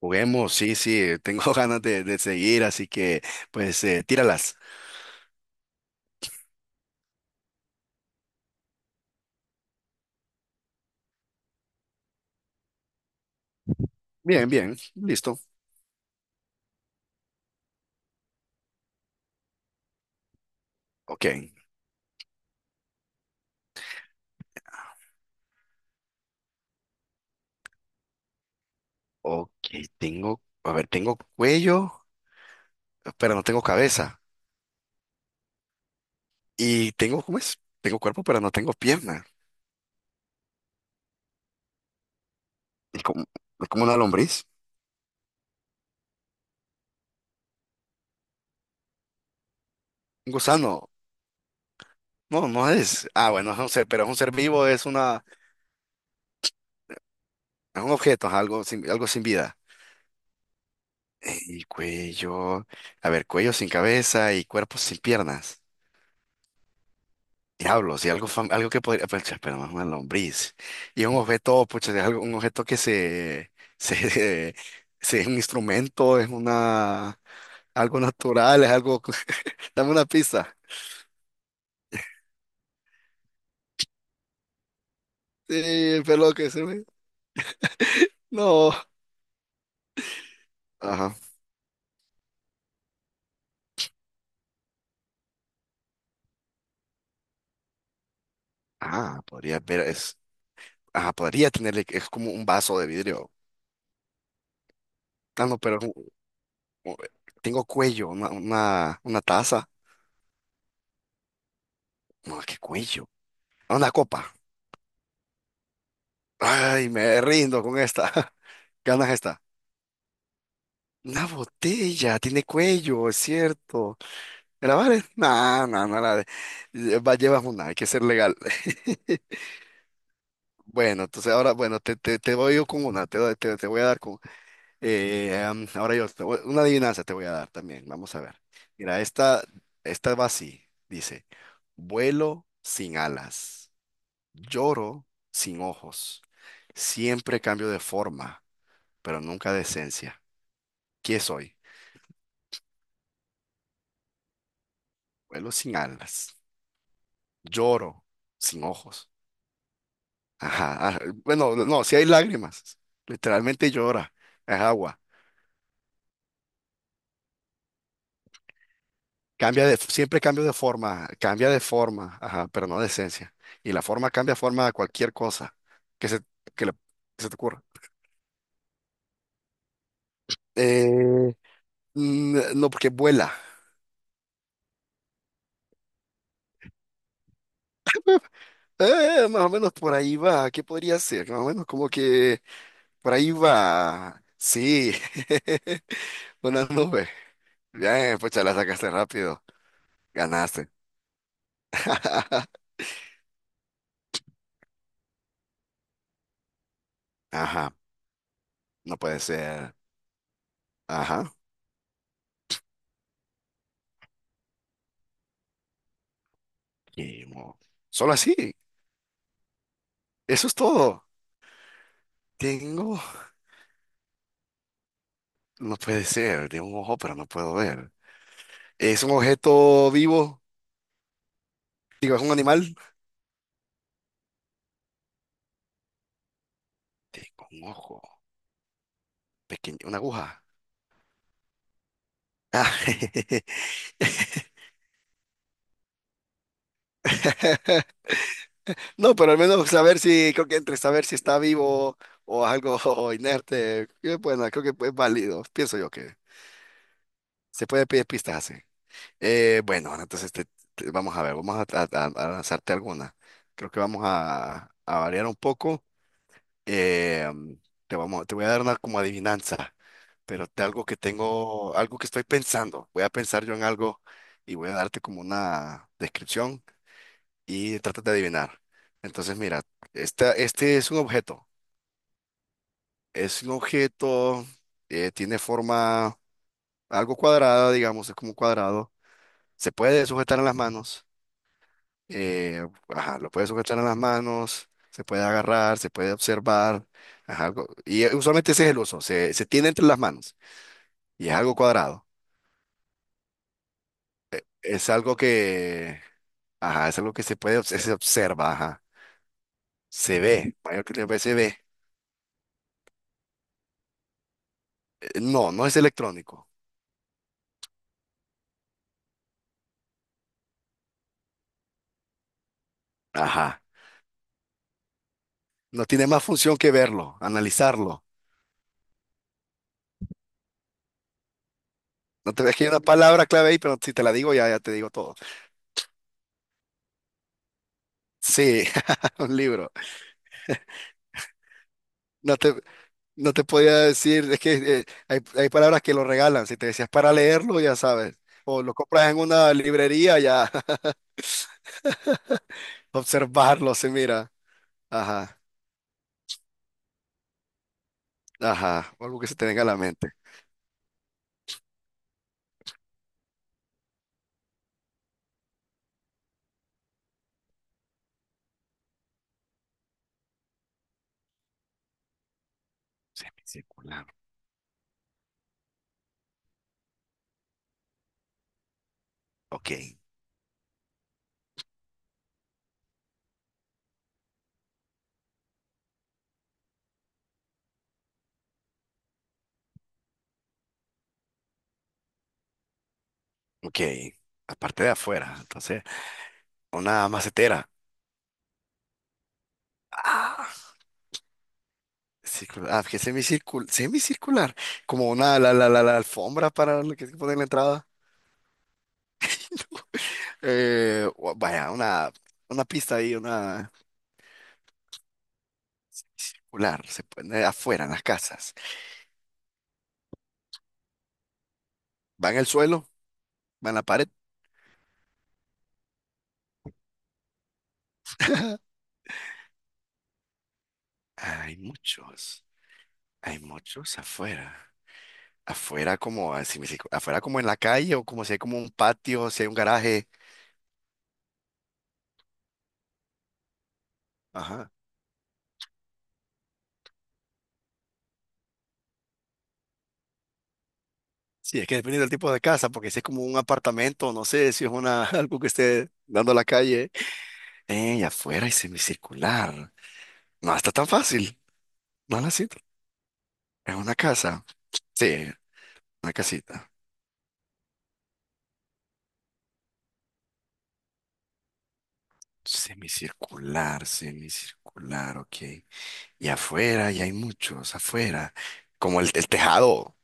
Juguemos, sí, sí, tengo ganas de seguir, así que pues tíralas. Bien, bien, listo. Ok, ok, tengo, a ver, tengo cuello, pero no tengo cabeza. Y tengo, ¿cómo es? Tengo cuerpo, pero no tengo pierna. Es como, es como una lombriz, un gusano. No, no es. Ah, bueno, es un ser, pero es un ser vivo, es una, es un objeto, es algo sin vida. Y cuello, a ver, cuello sin cabeza y cuerpo sin piernas. Diablos, y algo, algo que podría, pucha, pero más una lombriz. Y un objeto, pucha, es algo, un objeto que se, se, es un instrumento, es una, algo natural, es algo, dame una pista. Sí, pero que se me, no. Ajá. Ah, podría ver, es, ah, podría tenerle, es como un vaso de vidrio. Ah, no, pero es un- tengo cuello, una taza. No, qué cuello. Ah, una copa. Ay, me rindo con esta. Ganas esta. Una botella, tiene cuello, es cierto. ¿Grabar, la vale? No, no, no la va, llevas una, hay que ser legal. Bueno, entonces ahora, bueno, te voy yo con una, te, te, te voy a dar con… ahora yo, una adivinanza te voy a dar también, vamos a ver. Mira, esta va así, dice, vuelo sin alas, lloro sin ojos, siempre cambio de forma, pero nunca de esencia. ¿Qué soy? Vuelo sin alas. Lloro sin ojos. Ajá. Bueno, no, si hay lágrimas. Literalmente llora. Es agua. Cambia de, siempre cambio de forma, cambia de forma, ajá, pero no de esencia. Y la forma cambia forma a cualquier cosa que se, que le- que se te ocurra. Eh, no, porque vuela. Más o menos por ahí va. ¿Qué podría ser? Más o menos como que por ahí va. Sí. Una nube. Bien, pucha, la sacaste rápido. Ganaste. Ajá, no puede ser. Ajá, y mo- solo así. Eso es todo. Tengo, no puede ser, tengo un ojo, pero no puedo ver. ¿Es un objeto vivo? Digo, ¿es un animal? Tengo un ojo, pequeño, una aguja. Ah, no, pero al menos saber si, creo que entre saber si está vivo o algo inerte, bueno, creo que es válido. Pienso yo que se puede pedir pistas así. Bueno, ahora entonces vamos a ver, vamos a, a lanzarte alguna. Creo que vamos a variar un poco. Eh, mm, te vamos, te voy a dar una como adivinanza, pero de algo que tengo, algo que estoy pensando. Voy a pensar yo en algo y voy a darte como una descripción y trata de adivinar. Entonces, mira, esta, este es un objeto. Es un objeto, tiene forma algo cuadrada, digamos, es como un cuadrado. Se puede sujetar en las manos ajá, lo puede sujetar en las manos, se puede agarrar, se puede observar, ajá, algo, y usualmente ese es el uso, se tiene entre las manos y es algo cuadrado, es algo que, ajá, es algo que se puede, se observa, ajá, se ve, mayor que ve, se ve, no, no es electrónico, ajá, no tiene más función que verlo, analizarlo. No te, es que hay una palabra clave ahí, pero si te la digo ya, ya te digo todo. Sí, un libro. no te No te podía decir, es que hay palabras que lo regalan. Si te decías para leerlo, ya sabes. O lo compras en una librería, ya. Observarlo, se mira. Ajá, ajá. O algo que se te venga a la mente. Semicircular. Ok, ok. Aparte de afuera. Entonces, una macetera. Ah, circular. Ah, que semicircular. Semicircular. Como una, la alfombra para lo que se pone en la entrada. Vaya, una pista ahí, una. Circular, se pone afuera, en las casas. Va en el suelo, va en la pared. Hay muchos, hay muchos afuera. Afuera como, así me dice, afuera como en la calle o como si hay como un patio, si hay un garaje. Ajá. Sí, es que depende del tipo de casa, porque si es como un apartamento, no sé, si es una, algo que esté dando a la calle. Y afuera y semicircular. No está tan fácil. No la siento. Es una casa. Sí, una casita. Semicircular, semicircular, ok. Y afuera, y hay muchos afuera, como el tejado.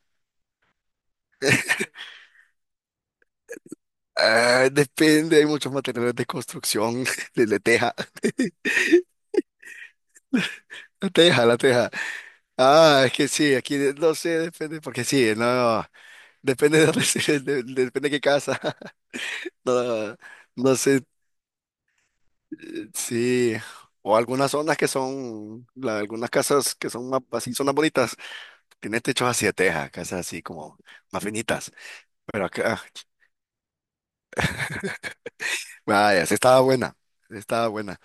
Ah, depende, hay muchos materiales de construcción, de teja, la teja, la teja. Ah, es que sí, aquí no sé, depende, porque sí, no, depende de dónde depende de qué casa. No, no sé, sí, o algunas zonas que son, algunas casas que son más, así, zonas bonitas, tienen techos así de teja, casas así como más finitas. Pero acá, ah, vaya, sí estaba buena, sí estaba buena.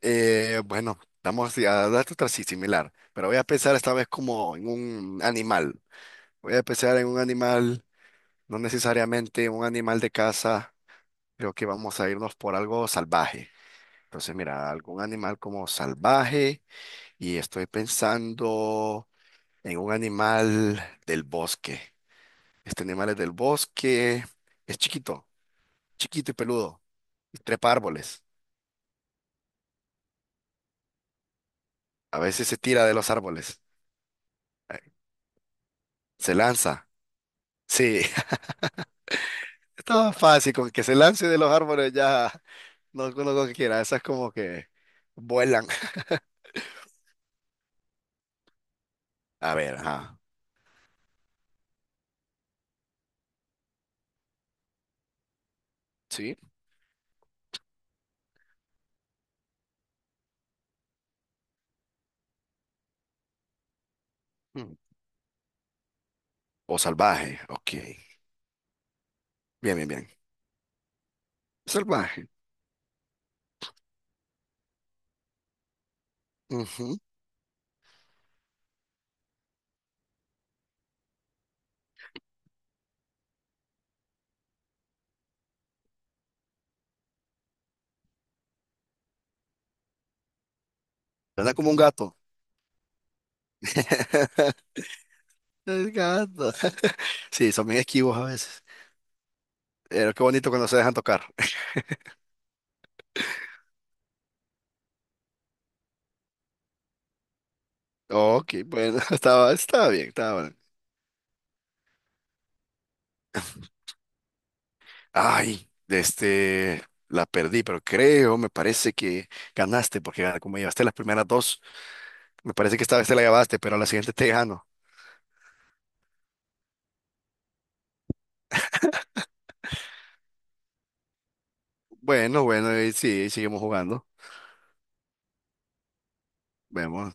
Bueno, vamos a darte otra sí, similar, pero voy a pensar esta vez como en un animal. Voy a pensar en un animal, no necesariamente un animal de casa. Creo que vamos a irnos por algo salvaje. Entonces, mira, algún animal como salvaje y estoy pensando en un animal del bosque. Este animal es del bosque, es chiquito, chiquito y peludo, y trepa árboles. A veces se tira de los árboles, eh, se lanza. Sí. Estaba fácil, con que se lance de los árboles ya no con lo que quiera. Esas como que vuelan. A ver, ajá. ¿Sí? Mm. O salvaje, ok. Bien, bien, bien. Salvaje. Ujú. Anda como un gato. El gato. Sí, son bien esquivos a veces. Pero qué bonito cuando se dejan tocar. Ok, bueno, estaba, estaba bien, estaba bien. Ay, este, la perdí, pero creo, me parece que ganaste porque como llevaste las primeras dos. Me parece que esta vez te la llevaste, pero a la siguiente te gano. Bueno, bueno, y sí, seguimos jugando. Vemos.